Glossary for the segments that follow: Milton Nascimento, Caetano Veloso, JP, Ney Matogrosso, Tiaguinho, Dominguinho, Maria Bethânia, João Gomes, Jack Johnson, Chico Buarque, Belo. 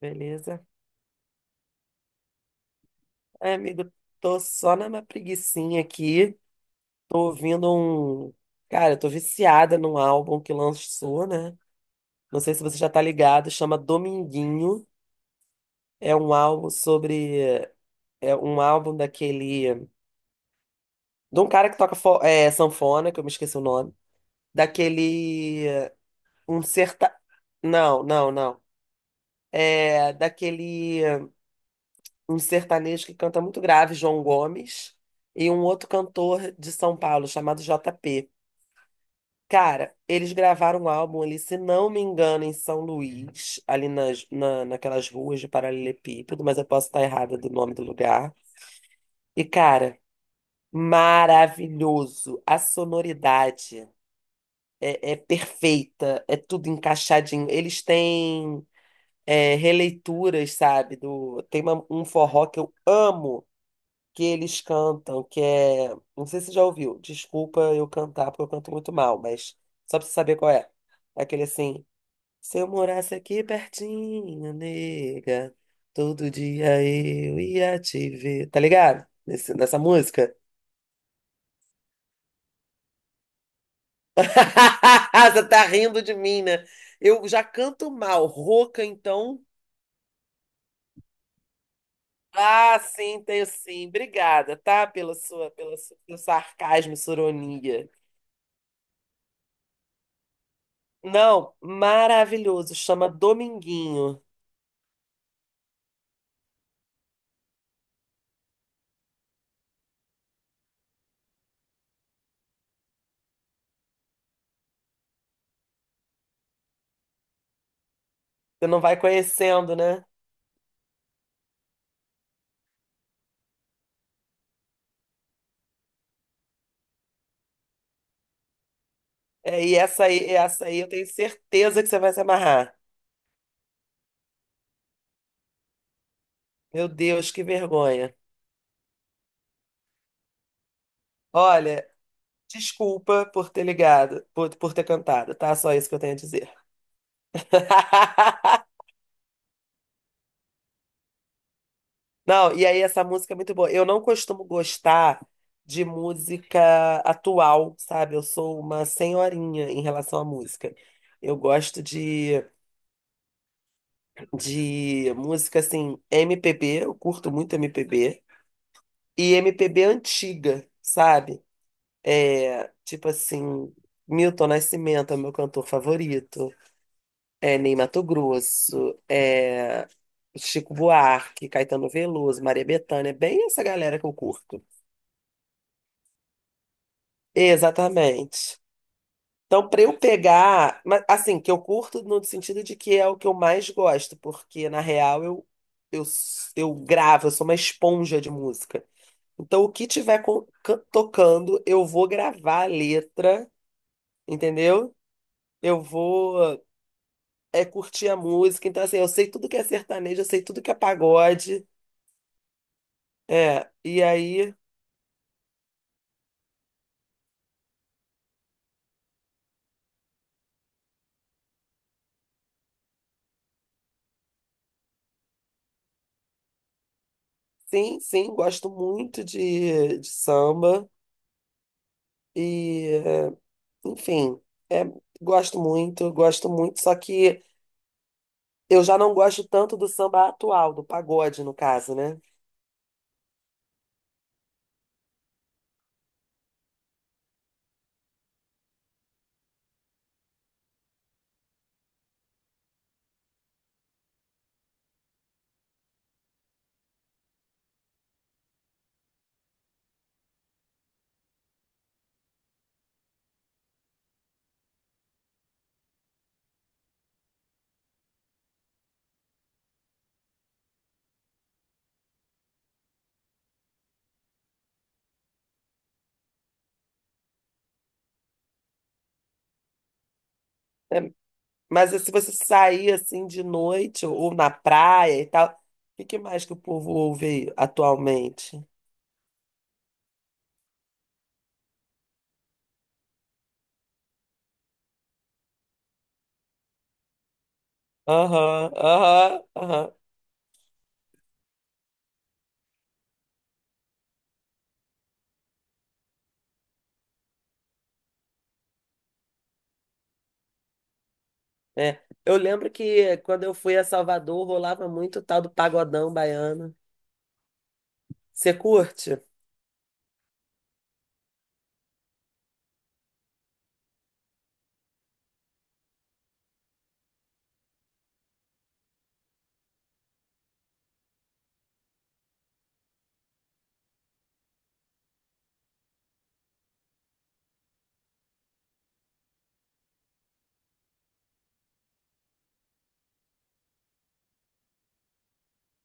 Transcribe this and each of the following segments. Beleza? Ai, amigo, tô só na minha preguicinha aqui. Tô ouvindo um. Cara, eu tô viciada num álbum que lançou, né? Não sei se você já tá ligado, chama Dominguinho. É um álbum sobre. É um álbum daquele. De um cara que toca sanfona, que eu me esqueci o nome. Daquele. Um serta. Não, não, não. É daquele. Um sertanejo que canta muito grave, João Gomes. E um outro cantor de São Paulo, chamado JP. Cara, eles gravaram um álbum ali, se não me engano, em São Luís, ali naquelas ruas de Paralelepípedo, mas eu posso estar errada do nome do lugar. E, cara, maravilhoso. A sonoridade é perfeita, é tudo encaixadinho. Eles têm releituras, sabe? Tem um forró que eu amo que eles cantam, que é. Não sei se você já ouviu. Desculpa eu cantar, porque eu canto muito mal, mas só pra você saber qual é. É aquele assim. Se eu morasse aqui pertinho, nega, todo dia eu ia te ver. Tá ligado? Nessa música? Você tá rindo de mim, né? Eu já canto mal, rouca, então. Ah, sim, tenho sim. Obrigada, tá? Pelo sarcasmo, sua ironia. Não, maravilhoso. Chama Dominguinho. Você não vai conhecendo, né? É, e essa aí eu tenho certeza que você vai se amarrar. Meu Deus, que vergonha. Olha, desculpa por ter ligado, por ter cantado, tá? Só isso que eu tenho a dizer. Não, e aí essa música é muito boa. Eu não costumo gostar de música atual, sabe? Eu sou uma senhorinha em relação à música. Eu gosto de música assim, MPB, eu curto muito MPB, e MPB antiga, sabe? É, tipo assim, Milton Nascimento é o meu cantor favorito. É, Ney Matogrosso, é, Chico Buarque, Caetano Veloso, Maria Bethânia, bem essa galera que eu curto. Exatamente. Então, para eu pegar, mas, assim, que eu curto no sentido de que é o que eu mais gosto, porque na real eu gravo, eu sou uma esponja de música. Então, o que tiver tocando, eu vou gravar a letra, entendeu? Eu vou curtir a música. Então, assim, eu sei tudo que é sertanejo, eu sei tudo que é pagode. É, e aí, sim, sim, gosto muito de samba e, enfim, é, gosto muito, só que eu já não gosto tanto do samba atual, do pagode, no caso, né? É, mas se você sair, assim, de noite ou na praia e tal, o que que mais que o povo ouve aí atualmente? Aham, aham, aham, é. Eu lembro que quando eu fui a Salvador, rolava muito o tal do pagodão baiano. Você curte?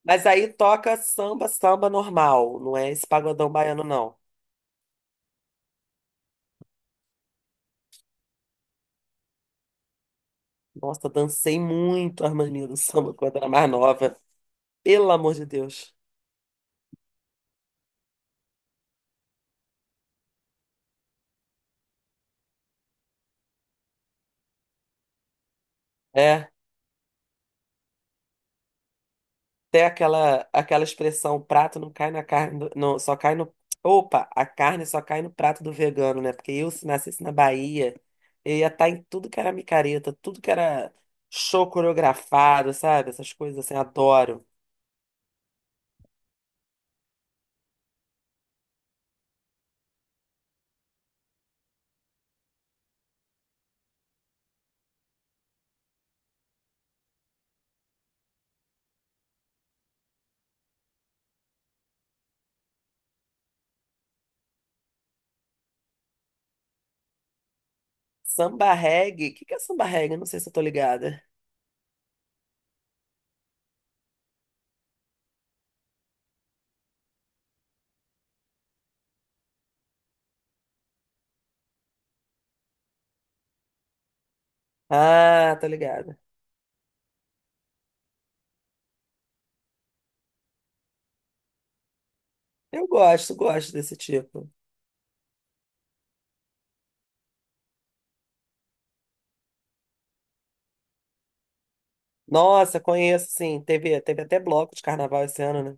Mas aí toca samba, samba normal, não é esse pagodão baiano, não. Nossa, dancei muito a harmonia do samba quando era mais nova. Pelo amor de Deus. É, até aquela expressão, o prato não cai na carne, não, só cai no... Opa, a carne só cai no prato do vegano, né? Porque eu, se nascesse na Bahia, eu ia estar em tudo que era micareta, tudo que era show coreografado, sabe? Essas coisas assim, adoro. Samba reggae, o que que é samba reggae? Não sei se eu tô ligada. Ah, tô ligada. Eu gosto, gosto desse tipo. Nossa, conheço, sim. Teve, teve até bloco de carnaval esse ano, né?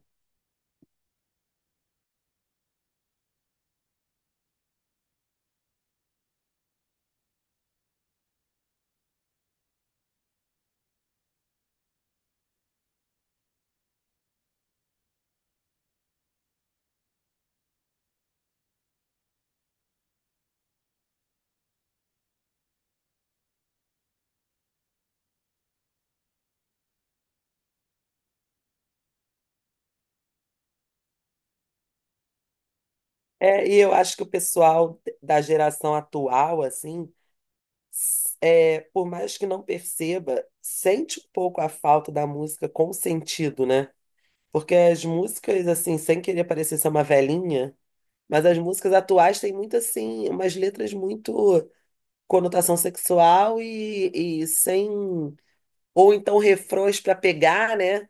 É, e eu acho que o pessoal da geração atual, assim, por mais que não perceba, sente um pouco a falta da música com sentido, né? Porque as músicas, assim, sem querer parecer ser uma velhinha, mas as músicas atuais têm muito, assim, umas letras muito conotação sexual e sem. Ou então refrões para pegar, né?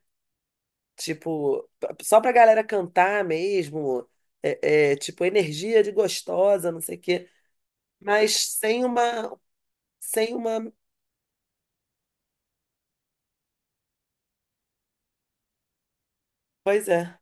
Tipo, só pra galera cantar mesmo, tipo, energia de gostosa, não sei o quê. Mas sem uma, sem uma, pois é.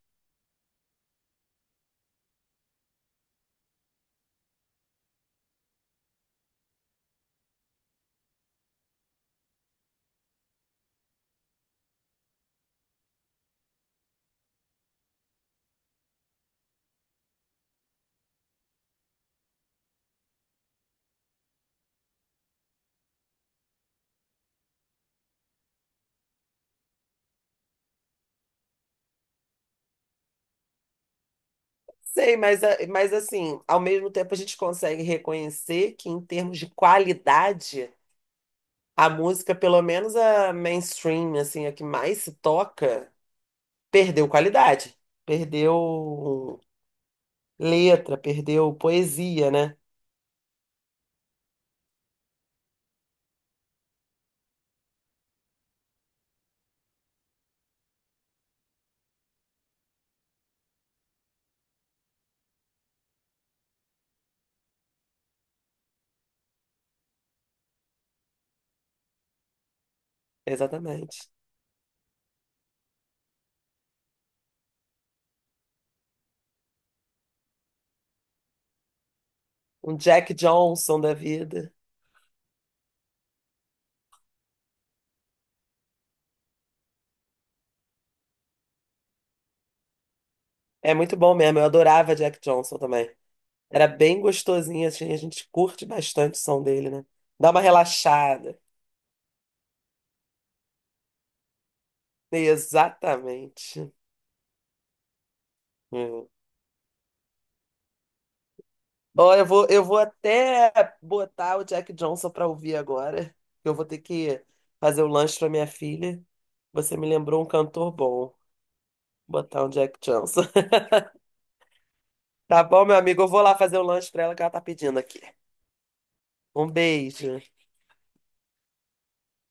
Sei, mas assim, ao mesmo tempo a gente consegue reconhecer que em termos de qualidade, a música, pelo menos a mainstream, assim, a que mais se toca, perdeu qualidade. Perdeu letra, perdeu poesia, né? Exatamente. Um Jack Johnson da vida. É muito bom mesmo. Eu adorava Jack Johnson também. Era bem gostosinho, assim. A gente curte bastante o som dele, né? Dá uma relaxada. Exatamente. Hum. Ó, eu vou até botar o Jack Johnson pra ouvir agora. Eu vou ter que fazer o lanche pra minha filha. Você me lembrou um cantor bom. Botar um Jack Johnson. Tá bom, meu amigo? Eu vou lá fazer o lanche pra ela que ela tá pedindo aqui. Um beijo.